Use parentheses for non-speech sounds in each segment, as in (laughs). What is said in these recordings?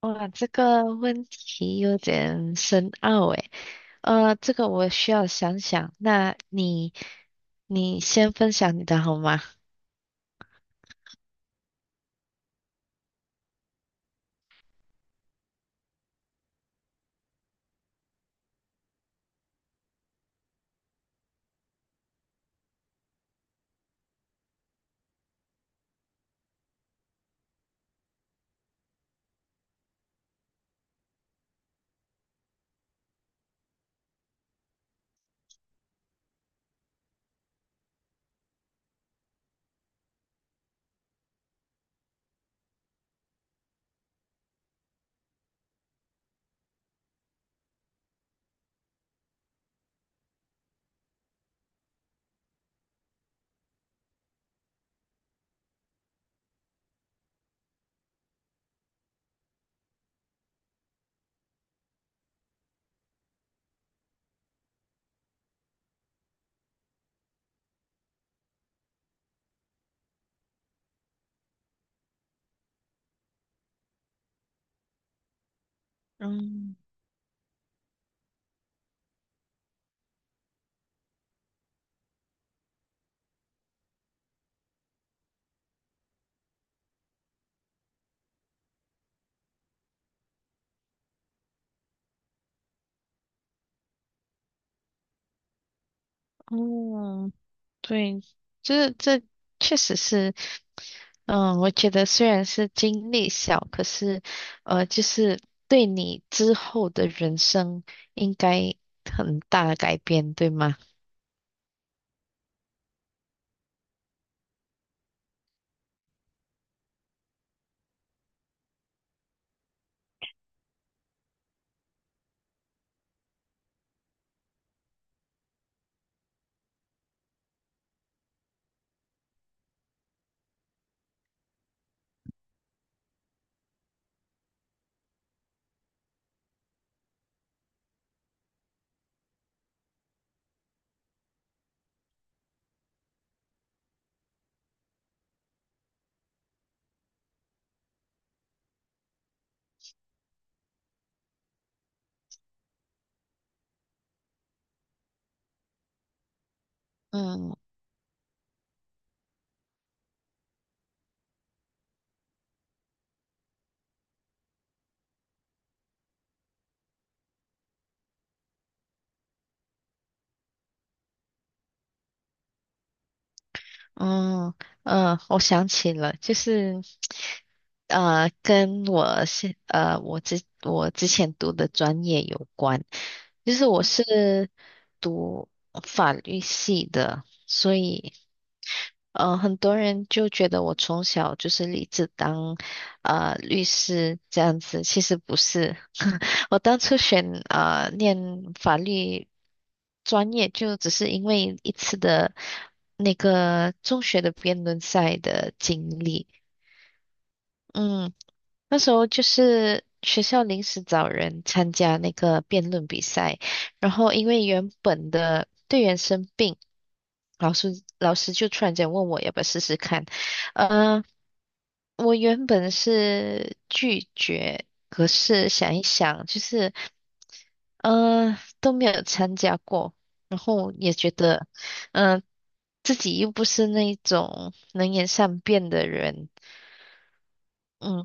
哇，这个问题有点深奥诶，这个我需要想想。那你先分享你的好吗？嗯。哦，对，这确实是。嗯，我觉得虽然是经历小，可是，呃，就是对你之后的人生应该很大的改变，对吗？嗯。嗯嗯，我想起了，就是，呃，跟我之前读的专业有关，就是我是读法律系的，所以嗯，很多人就觉得我从小就是立志当律师这样子，其实不是。(laughs) 我当初念法律专业，就只是因为一次的那个中学的辩论赛的经历。嗯，那时候就是学校临时找人参加那个辩论比赛，然后因为原本的队员生病，老师就突然间问我要不要试试看。嗯，我原本是拒绝，可是想一想，就是嗯都没有参加过，然后也觉得，嗯、自己又不是那种能言善辩的人。嗯。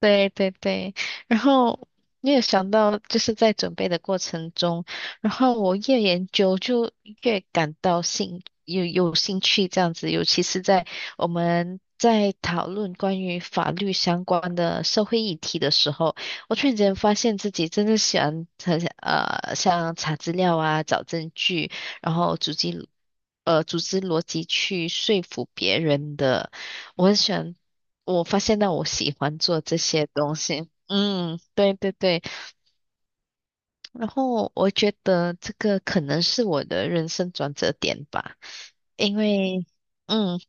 对对对，然后你也想到，就是在准备的过程中，然后我越研究就越感到有兴趣这样子，尤其是在我们在讨论关于法律相关的社会议题的时候，我突然间发现自己真的喜欢很想像查资料啊、找证据，然后组织逻辑去说服别人的。我很喜欢，我发现到我喜欢做这些东西。嗯，对对对。然后我觉得这个可能是我的人生转折点吧，因为，嗯。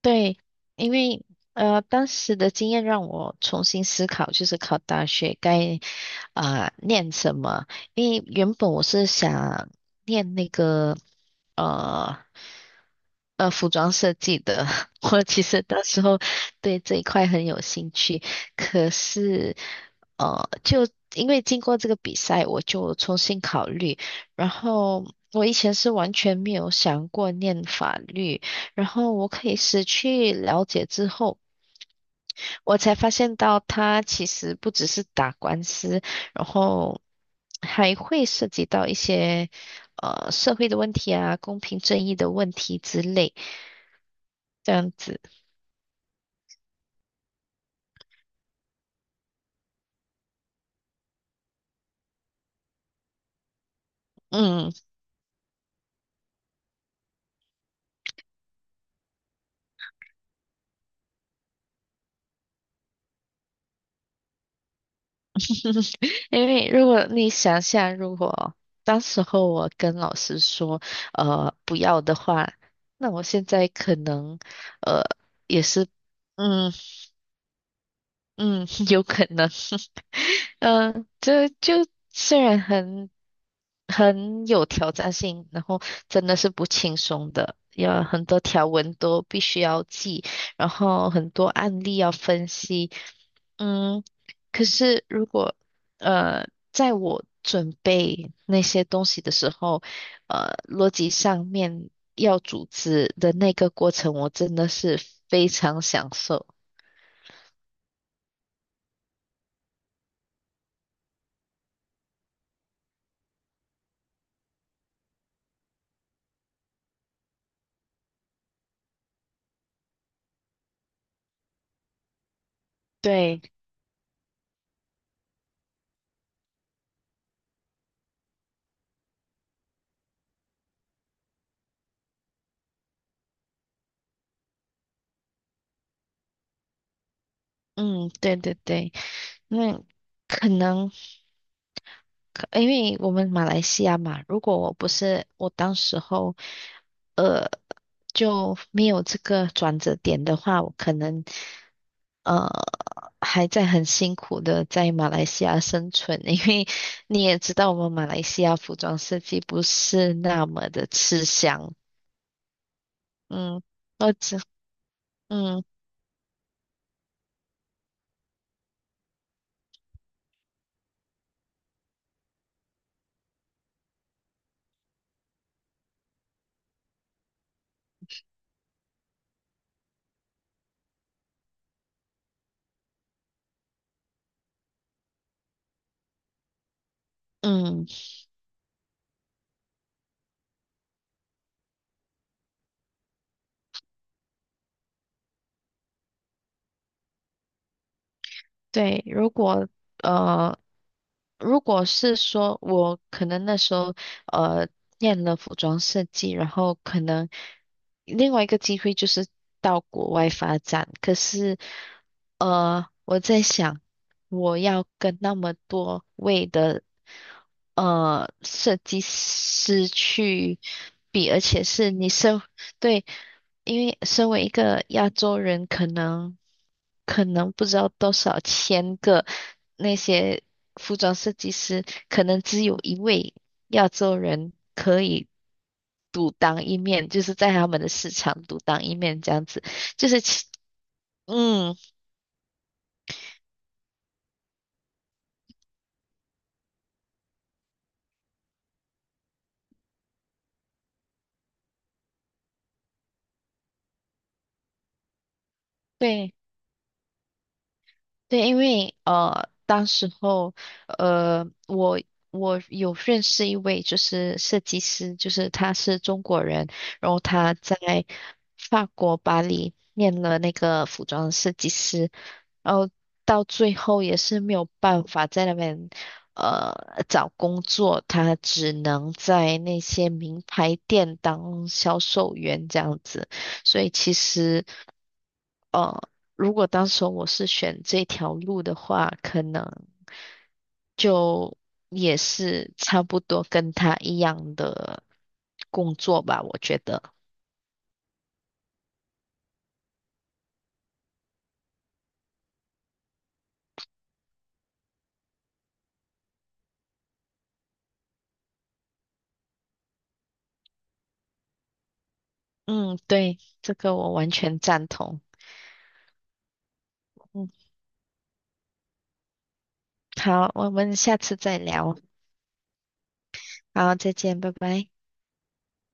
对，因为当时的经验让我重新思考，就是考大学该念什么。因为原本我是想念那个呃服装设计的，(laughs) 我其实到时候对这一块很有兴趣。可是呃，就因为经过这个比赛，我就重新考虑，然后。我以前是完全没有想过念法律，然后我可以失去了解之后，我才发现到他其实不只是打官司，然后还会涉及到一些社会的问题啊、公平正义的问题之类，这样子。嗯，因为如果你想想，如果当时候我跟老师说不要的话，那我现在可能呃也是嗯嗯 (laughs) 有可能。这就虽然很有挑战性，然后真的是不轻松的，要很多条文都必须要记，然后很多案例要分析。嗯，可是如果在我准备那些东西的时候，呃，逻辑上面要组织的那个过程，我真的是非常享受。对。嗯，对对对。那可能。可因为我们马来西亚嘛，如果我不是我当时候，呃，就没有这个转折点的话，我可能呃还在很辛苦的在马来西亚生存，(laughs) 因为你也知道我们马来西亚服装设计不是那么的吃香。嗯，我只嗯嗯对。如果。呃。如果是说我可能那时候呃念了服装设计，然后可能另外一个机会就是到国外发展，可是我在想我要跟那么多位的设计师去比，而且是你身，对，因为身为一个亚洲人，可能。可能不知道多少千个那些服装设计师，可能只有一位亚洲人可以独当一面，就是在他们的市场独当一面这样子，就是其嗯。对。对，因为当时候呃，我有认识一位就是设计师，就是他是中国人，然后他在法国巴黎念了那个服装设计师，然后到最后也是没有办法在那边找工作，他只能在那些名牌店当销售员这样子，所以其实。呃，如果当时我是选这条路的话，可能就也是差不多跟他一样的工作吧，我觉得。嗯，对，这个我完全赞同。嗯，好，我们下次再聊。好，再见，拜拜。